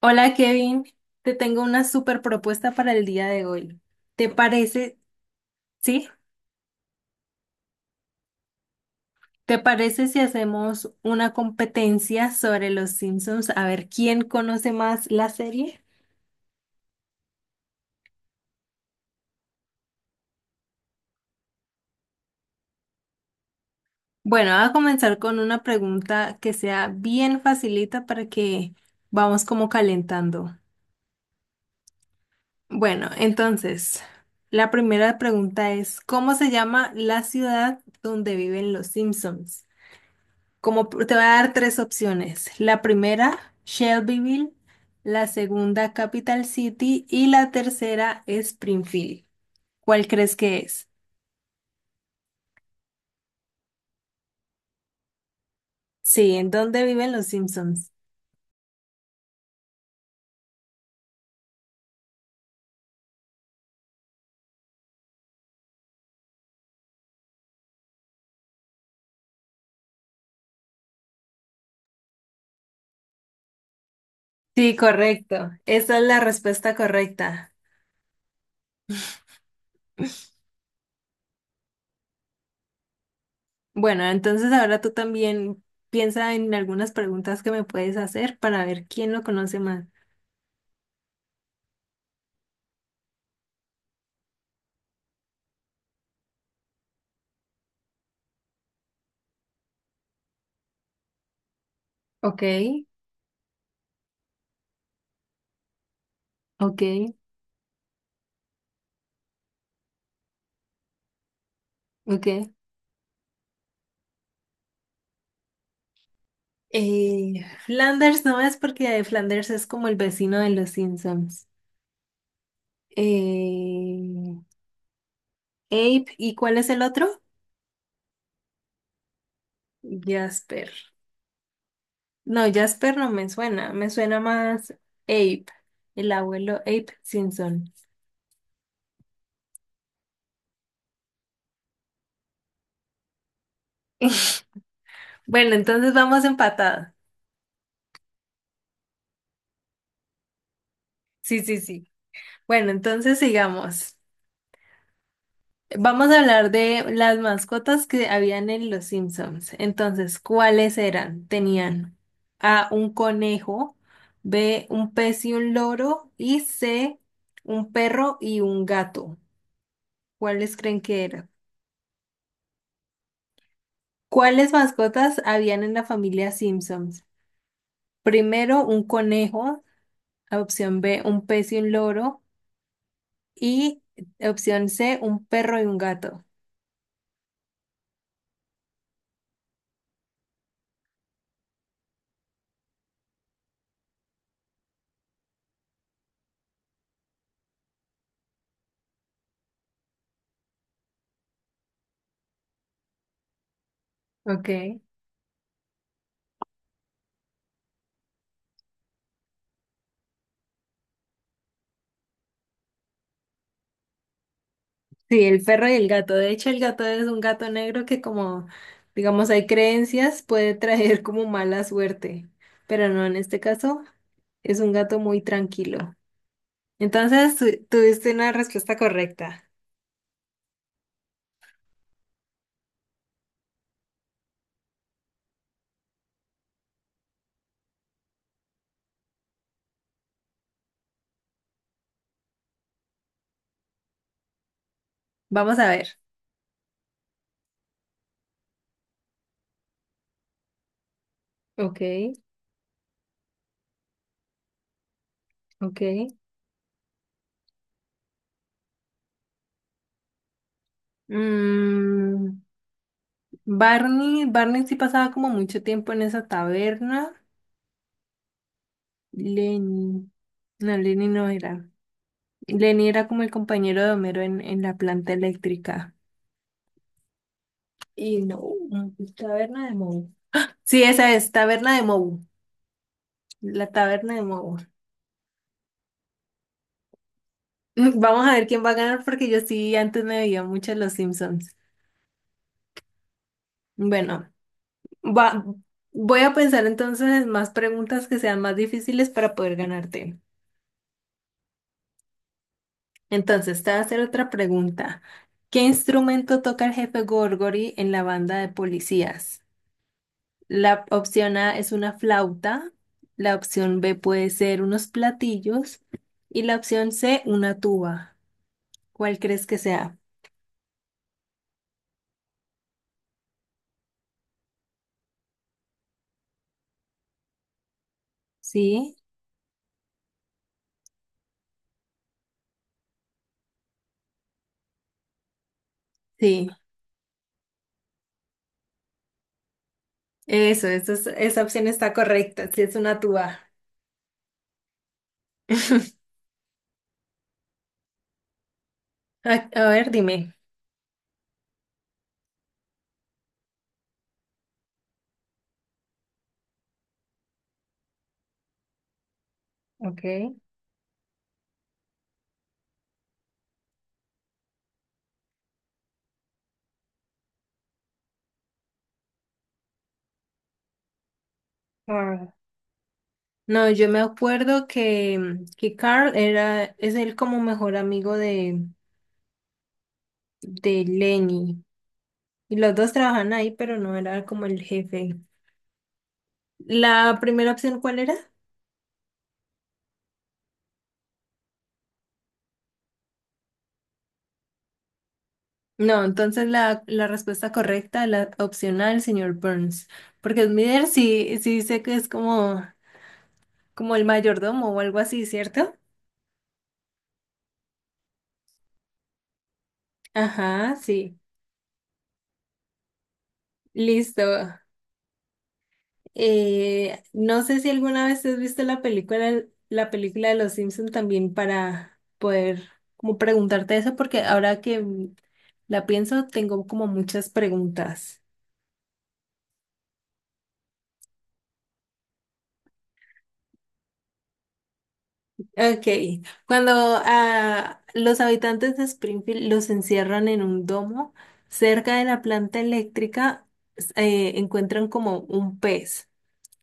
Hola Kevin, te tengo una super propuesta para el día de hoy. ¿Te parece, sí? ¿Te parece si hacemos una competencia sobre los Simpsons a ver quién conoce más la serie? Bueno, voy a comenzar con una pregunta que sea bien facilita para que vamos como calentando. Bueno, entonces, la primera pregunta es, ¿cómo se llama la ciudad donde viven los Simpsons? Te voy a dar tres opciones. La primera, Shelbyville, la segunda, Capital City y la tercera, Springfield. ¿Cuál crees que es? Sí, ¿en dónde viven los Simpsons? Sí, correcto. Esa es la respuesta correcta. Bueno, entonces ahora tú también piensa en algunas preguntas que me puedes hacer para ver quién lo conoce más. Ok, ok, ok. Flanders no es porque Flanders es como el vecino de los Simpsons. Eh, Ape, ¿y cuál es el otro? Jasper. No, Jasper no me suena, me suena más Ape, el abuelo Ape Simpson. Bueno, entonces vamos empatados. Sí, sí, sí. Bueno, entonces sigamos. Vamos a hablar de las mascotas que habían en Los Simpsons. Entonces, ¿cuáles eran? Tenían A, un conejo, B, un pez y un loro, y C, un perro y un gato. ¿Cuáles creen que eran? ¿Cuáles mascotas habían en la familia Simpsons? Primero, un conejo, opción B, un pez y un loro, y opción C, un perro y un gato. Ok. Sí, el perro y el gato. De hecho, el gato es un gato negro que como, digamos, hay creencias, puede traer como mala suerte, pero no, en este caso es un gato muy tranquilo. Entonces, tuviste una respuesta correcta. Vamos a ver. Ok, ok. Mm, Barney sí pasaba como mucho tiempo en esa taberna. Lenny, no, Lenny no era. Lenny era como el compañero de Homero en la planta eléctrica. Y no, mm, taberna de Moe. Sí, esa es, taberna de Moe, la taberna de Moe. Vamos a ver quién va a ganar porque yo sí antes me veía mucho Los Simpsons. Bueno, va, voy a pensar entonces en más preguntas que sean más difíciles para poder ganarte. Entonces, te voy a hacer otra pregunta. ¿Qué instrumento toca el jefe Gorgory en la banda de policías? La opción A es una flauta, la opción B puede ser unos platillos y la opción C una tuba. ¿Cuál crees que sea? Sí, sí, esa opción está correcta, sí es una tuba. A, a ver, dime. Okay. Ah. No, yo me acuerdo que Carl era, es él como mejor amigo de Lenny. Y los dos trabajan ahí, pero no era como el jefe. ¿La primera opción cuál era? No, entonces la respuesta correcta, la opcional, señor Burns. Porque Smithers sí, sí dice que es como, como el mayordomo o algo así, ¿cierto? Ajá, sí. Listo. No sé si alguna vez has visto la película de Los Simpson también para poder como preguntarte eso, porque ahora que la pienso, tengo como muchas preguntas. Ok, cuando a los habitantes de Springfield los encierran en un domo, cerca de la planta eléctrica encuentran como un pez.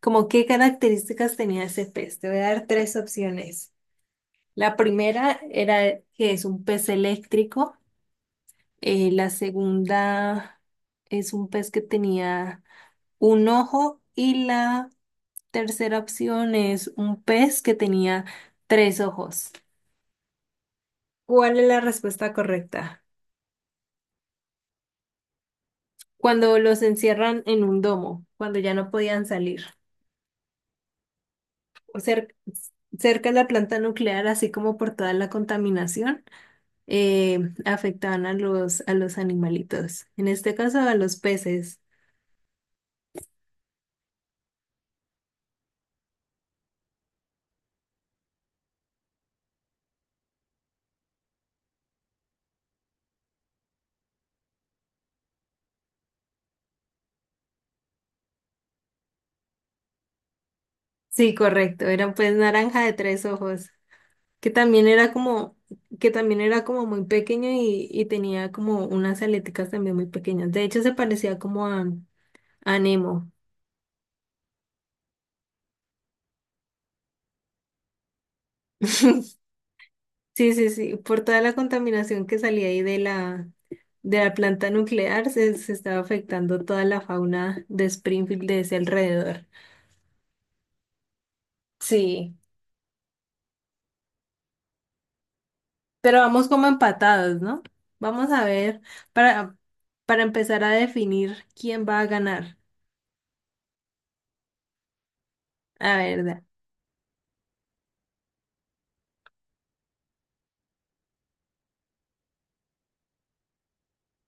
¿Como qué características tenía ese pez? Te voy a dar tres opciones. La primera era que es un pez eléctrico. La segunda es un pez que tenía un ojo. Y la tercera opción es un pez que tenía tres ojos. ¿Cuál es la respuesta correcta? Cuando, los encierran en un domo, cuando ya no podían salir, o cer- cerca de la planta nuclear, así como por toda la contaminación, eh, afectaban a los animalitos, en este caso a los peces. Sí, correcto. Era pues naranja de tres ojos, que también era como, que también era como muy pequeño y tenía como unas aleticas también muy pequeñas. De hecho, se parecía como a Nemo. Sí, sí, sí, por toda la contaminación que salía ahí de la planta nuclear, se estaba afectando toda la fauna de Springfield de ese alrededor. Sí, pero vamos como empatados, ¿no? Vamos a ver, para, para empezar a definir quién va a ganar. A ver,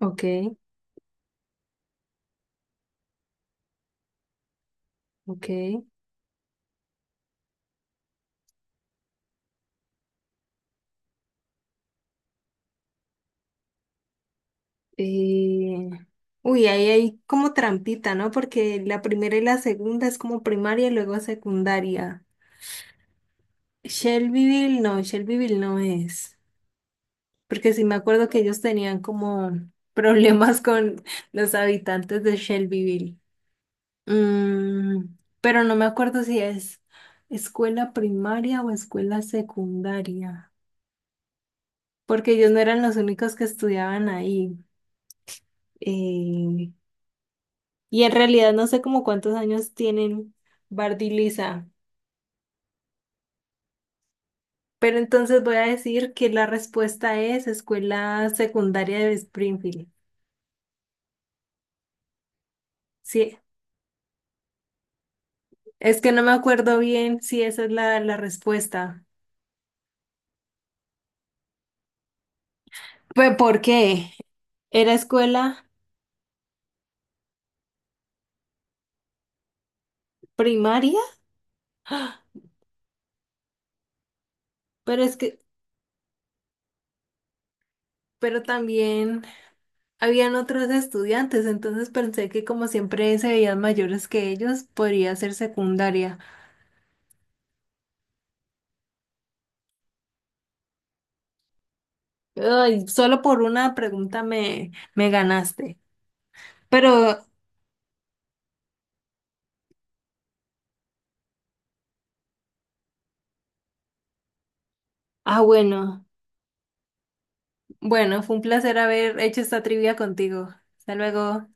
ok, ok. eh, Uy, ahí hay como trampita, ¿no? Porque la primera y la segunda es como primaria y luego secundaria. Shelbyville no es. Porque sí me acuerdo que ellos tenían como problemas con los habitantes de Shelbyville. Mm, pero no me acuerdo si es escuela primaria o escuela secundaria, porque ellos no eran los únicos que estudiaban ahí. Eh, y en realidad no sé como cuántos años tienen Bart y Lisa. Pero entonces voy a decir que la respuesta es escuela secundaria de Springfield. Sí, es que no me acuerdo bien si esa es la, la respuesta. ¿Pero por qué? ¿Era escuela primaria? ¡Ah! Pero es que, pero también habían otros estudiantes, entonces pensé que como siempre se veían mayores que ellos, podría ser secundaria. Ay, solo por una pregunta me, me ganaste. Pero, ah, bueno, bueno, fue un placer haber hecho esta trivia contigo. Hasta luego.